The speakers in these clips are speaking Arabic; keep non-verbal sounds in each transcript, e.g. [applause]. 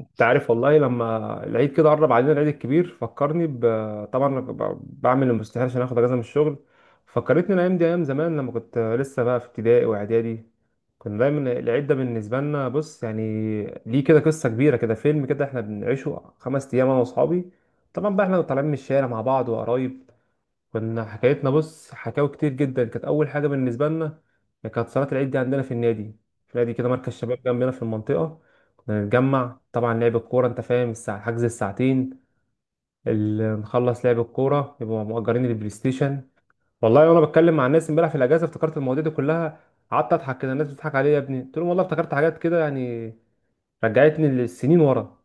انت عارف، والله لما العيد كده قرب علينا العيد الكبير فكرني طبعا أنا بعمل المستحيل عشان اخد اجازه من الشغل. فكرتني الايام دي ايام زمان لما كنت لسه بقى في ابتدائي واعدادي. كنا دايما العيد ده بالنسبه لنا، بص يعني، ليه كده قصه كبيره كده، فيلم كده احنا بنعيشه خمس ايام انا واصحابي. طبعا بقى احنا طالعين من الشارع مع بعض وقرايب. كنا حكايتنا، بص، حكاوي كتير جدا. كانت اول حاجه بالنسبه لنا كانت صلاه العيد دي عندنا في النادي، في نادي كده مركز شباب جنبنا في المنطقه. كنا نتجمع، طبعا لعب الكوره، انت فاهم، الساعه حجز الساعتين. اللي نخلص لعب الكوره يبقوا مؤجرين البلاي ستيشن. والله وانا بتكلم مع الناس امبارح في الاجازه افتكرت المواضيع دي كلها. قعدت اضحك كده، الناس بتضحك عليا، يا ابني قلت لهم والله افتكرت حاجات كده يعني، رجعتني للسنين ورا.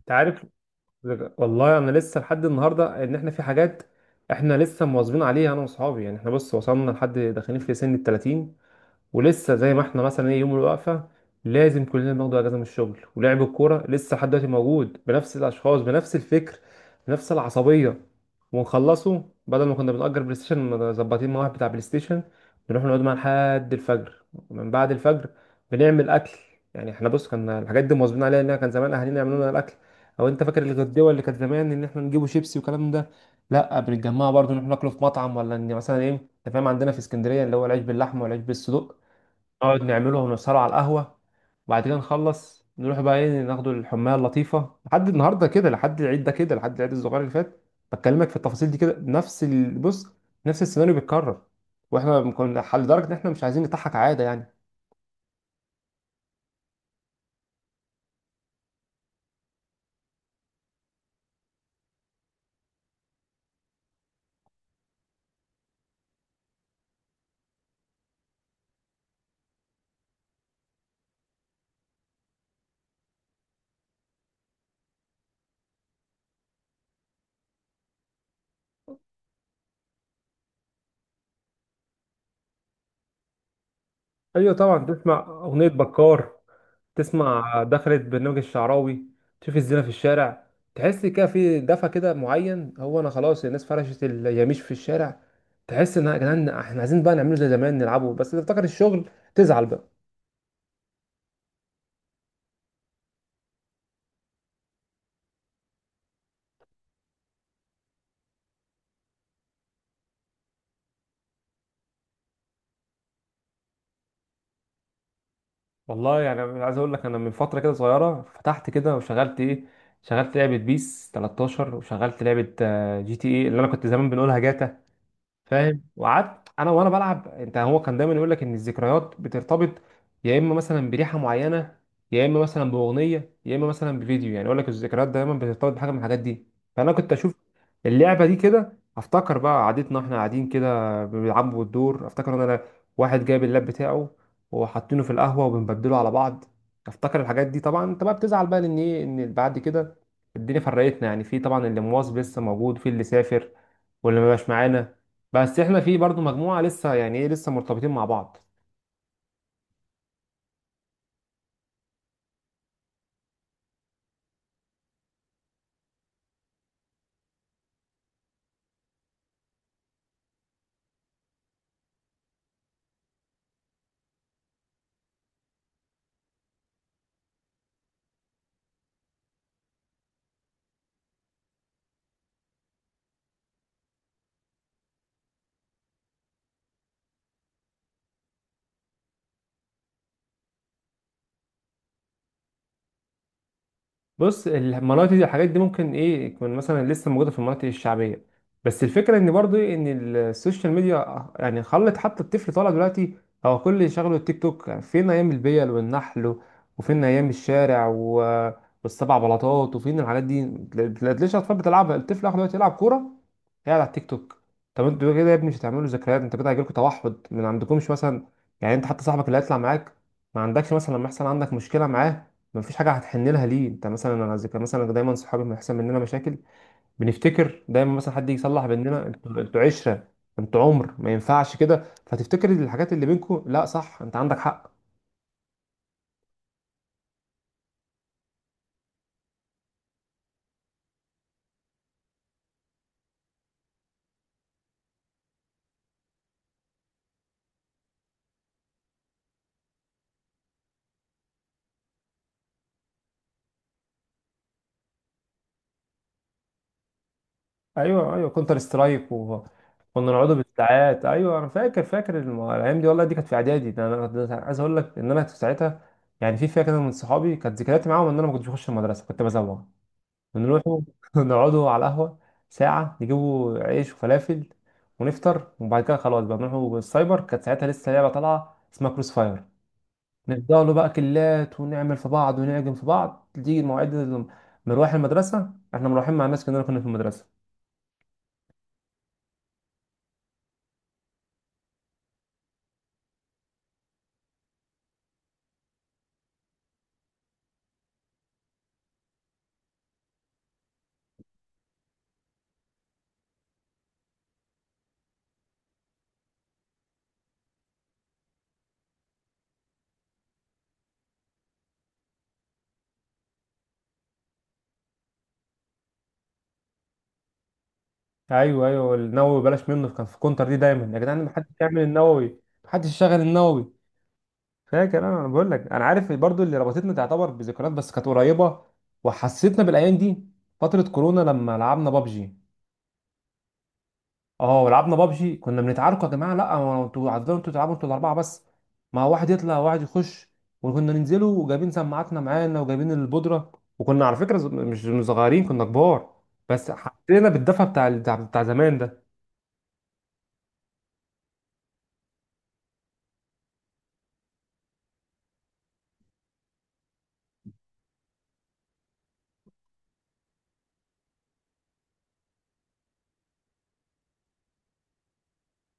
انت عارف، والله انا لسه لحد النهارده ان احنا في حاجات احنا لسه مواظبين عليها انا واصحابي. يعني احنا بص وصلنا لحد داخلين في سن ال 30، ولسه زي ما احنا مثلا ايه يوم الوقفه لازم كلنا بناخد اجازه من الشغل. ولعب الكوره لسه لحد دلوقتي موجود بنفس الاشخاص بنفس الفكر بنفس العصبيه. ونخلصه بدل ما كنا بنأجر بلاي ستيشن، مظبطين مع واحد بتاع بلاي ستيشن بنروح نقعد معاه لحد الفجر. من بعد الفجر بنعمل اكل. يعني احنا بص كنا الحاجات دي مواظبين عليها. ان كان زمان اهالينا يعملوا لنا الاكل او انت فاكر الغدوه اللي كانت زمان ان احنا نجيبوا شيبسي والكلام ده، لا بنتجمع برضه نروح ناكله في مطعم ولا ان مثلا ايه، انت فاهم عندنا في اسكندريه اللي هو العيش باللحمه والعيش بالصدق. نقعد نعملهم، نسهروا على القهوة، وبعد كده نخلص نروح بقى ايه ناخدوا الحماية اللطيفة لحد النهاردة كده، لحد العيد ده كده، لحد العيد الصغير اللي فات. بكلمك في التفاصيل دي كده، بص، نفس السيناريو بيتكرر. واحنا كنا لدرجة ان احنا مش عايزين نضحك عادة يعني. ايوه طبعا، تسمع اغنية بكار، تسمع دخلة برنامج الشعراوي، تشوف الزينة في الشارع، تحس كده في دفى كده معين. هو انا خلاص الناس فرشت اليميش في الشارع، تحس ان يا جدعان احنا عايزين بقى نعمله زي زمان نلعبه، بس تفتكر الشغل تزعل بقى. والله يعني أنا عايز اقول لك انا من فتره كده صغيره فتحت كده وشغلت ايه، شغلت لعبه بيس 13، وشغلت لعبه جي تي ايه اللي انا كنت زمان بنقولها جاتا، فاهم. وقعدت انا وانا بلعب، انت هو كان دايما يقول لك ان الذكريات بترتبط يا اما مثلا بريحه معينه، يا اما مثلا باغنيه، يا اما مثلا بفيديو. يعني يقول لك الذكريات دايما بترتبط بحاجه من الحاجات دي. فانا كنت اشوف اللعبه دي كده افتكر بقى قعدتنا، احنا قاعدين كده بنلعبوا الدور، افتكر ان انا واحد جايب اللاب بتاعه وحاطينه في القهوه وبنبدله على بعض. افتكر الحاجات دي. طبعا انت بقى بتزعل بقى لان ايه ان بعد كده الدنيا فرقتنا. يعني في طبعا اللي مواظب لسه موجود، في اللي سافر، واللي ما بقاش معانا. بس احنا في برضو مجموعه لسه يعني ايه لسه مرتبطين مع بعض. بص، المناطق دي الحاجات دي ممكن ايه يكون مثلا لسه موجوده في المناطق الشعبيه. بس الفكره ان برضو إيه، ان السوشيال ميديا يعني خلت حتى الطفل طالع دلوقتي هو كل اللي شغله التيك توك. يعني فين ايام البيل والنحل، وفين ايام والسبع بلاطات، وفين الحاجات دي؟ تلاقيش اطفال بتلعبها. الطفل اخر دلوقتي يلعب كوره قاعد على التيك توك. طب انتوا كده يا ابني مش هتعملوا ذكريات، انت كده هيجيلكوا توحد من عندكمش مثلا. يعني انت حتى صاحبك اللي هيطلع معاك ما عندكش مثلا لما يحصل عندك مشكله معاه ما فيش حاجه هتحن لها ليه. انت مثلا، انا ذكر مثلا دايما صحابي لما يحصل مننا مشاكل بنفتكر دايما مثلا حد يجي يصلح بيننا، انتوا عشره، انتوا عمر ما ينفعش كده، فتفتكر الحاجات اللي بينكم. لا صح، انت عندك حق. ايوه، كونتر سترايك، وكنا نقعدوا بالساعات. ايوه انا فاكر، الايام دي والله دي كانت في اعدادي ده. انا ده أنا عايز اقول لك ان انا في ساعتها، يعني في فئه كده من صحابي، كانت ذكرياتي معاهم ان انا ما كنتش بخش المدرسه كنت بزوغ. بنروحوا [laughs] نقعدوا على القهوه ساعه، نجيبوا عيش وفلافل ونفطر، وبعد كده خلاص بقى بنروحوا السايبر. كانت ساعتها لسه لعبه طالعه اسمها كروس فاير. نفضلوا بقى كلات ونعمل في بعض ونعجن في بعض. تيجي مواعيد مروح المدرسه احنا مروحين مع الناس، كنا في المدرسه. ايوه، النووي بلاش منه، كان في كونتر دي دايما يا جدعان ما حدش يعمل النووي، ما حدش يشغل النووي. فاكر انا، بقول لك انا عارف برضو اللي ربطتنا تعتبر بذكريات بس كانت قريبه. وحسيتنا بالايام دي فتره كورونا لما لعبنا بابجي. اه ولعبنا بابجي، كنا بنتعاركوا يا جماعه، لا هو انتوا هتفضلوا انتوا تلعبوا انتوا الاربعه بس، ما واحد يطلع وواحد يخش. وكنا ننزلوا وجايبين سماعاتنا معانا وجايبين البودره. وكنا على فكره مش صغيرين، كنا كبار. بس حسينا بالدفى بتاع زمان ده.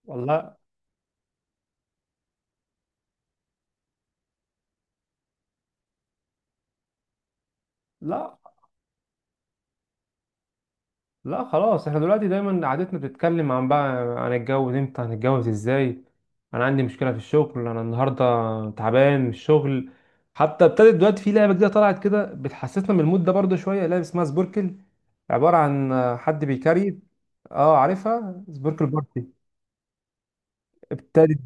والله، لا لا، خلاص احنا دلوقتي دايما قعدتنا بتتكلم عن بقى عن الجواز امتى هنتجوز ازاي، انا عندي مشكله في الشغل، انا النهارده تعبان من الشغل. حتى ابتدت دلوقتي في لعبه جديده طلعت كده بتحسسنا من المود ده برضه شويه، لعبه اسمها سبوركل، عباره عن حد بيكاري. اه عارفها، سبوركل بارتي. ابتدت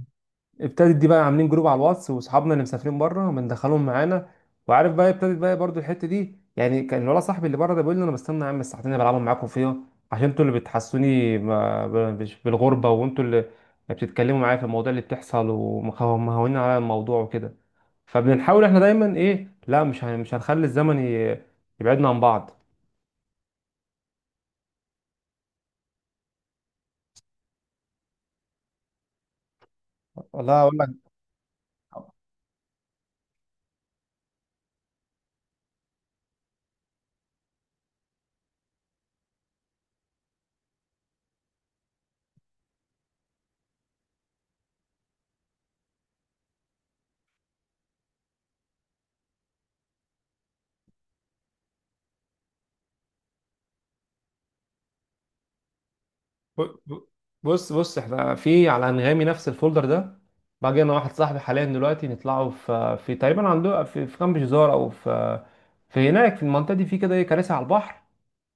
ابتدت دي بقى، عاملين جروب على الواتس واصحابنا اللي مسافرين بره بندخلهم معانا. وعارف بقى ابتدت بقى برضو الحته دي. يعني كان الولد صاحبي اللي بره ده بيقول لي انا بستنى يا عم الساعتين اللي بلعبهم معاكم فيها، عشان انتوا اللي بتحسوني بالغربه، وانتوا اللي بتتكلموا معايا في المواضيع اللي بتحصل ومهونين على الموضوع وكده. فبنحاول احنا دايما ايه لا مش هنخلي يبعدنا عن بعض. والله اقول لك، ب- ب- بص بص، احنا في على انغامي نفس الفولدر ده. باجي انا واحد صاحبي حاليا دلوقتي نطلعوا في تقريبا عنده في كامب جزار، او في هناك في المنطقه دي، في كده ايه كراسي على البحر.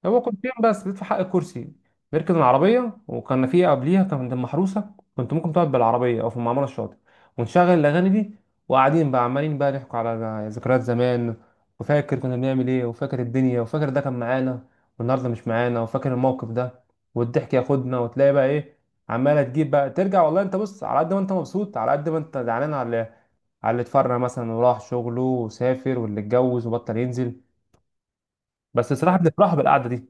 هو كنتين بس بيدفع حق الكرسي، بيركن العربية. وكان في قبليها كان عند المحروسة كنت ممكن تقعد بالعربية أو في المعمرة الشاطئ. ونشغل الأغاني دي، وقاعدين بقى عمالين بقى نحكوا على ذكريات زمان، وفاكر كنا بنعمل إيه، وفاكر الدنيا، وفاكر ده كان معانا والنهاردة مش معانا، وفاكر الموقف ده والضحك ياخدنا. وتلاقي بقى إيه عمالة تجيب بقى ترجع. والله أنت بص على قد ما أنت مبسوط على قد ما أنت زعلان على على اللي اتفرق مثلا وراح شغله وسافر واللي اتجوز وبطل ينزل. بس الصراحة بنفرح بالقعدة دي.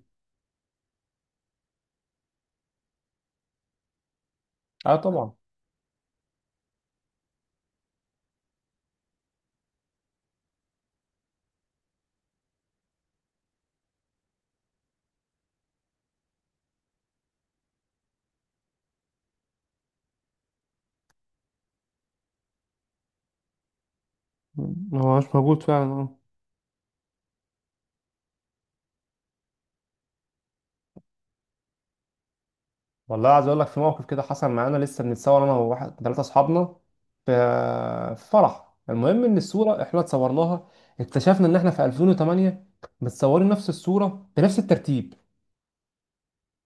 أه طبعا. ما هوش موجود فعلا، اه. والله عايز اقول لك في موقف كده حصل معانا لسه بنتصور انا وواحد ثلاثه اصحابنا في فرح، المهم ان الصوره احنا اتصورناها اكتشفنا ان احنا في 2008 متصورين نفس الصوره بنفس الترتيب.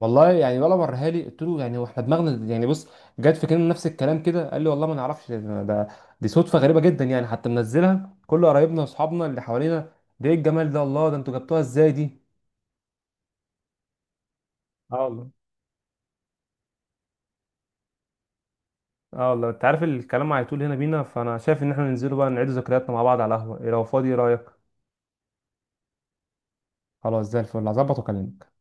والله يعني، ولا وريها لي، قلت له يعني هو احنا دماغنا يعني بص جت في كلمه نفس الكلام كده، قال لي والله ما نعرفش، دي صدفه غريبه جدا يعني. حتى منزلها كل قرايبنا واصحابنا اللي حوالينا، ده ايه الجمال ده، الله، ده انتوا جبتوها ازاي دي؟ اه والله. اه والله، انت عارف الكلام هيطول هنا بينا، فانا شايف ان احنا ننزلوا بقى نعيد ذكرياتنا مع بعض على القهوة إيه، لو فاضي ايه رأيك؟ خلاص زي الفل، هظبط واكلمك.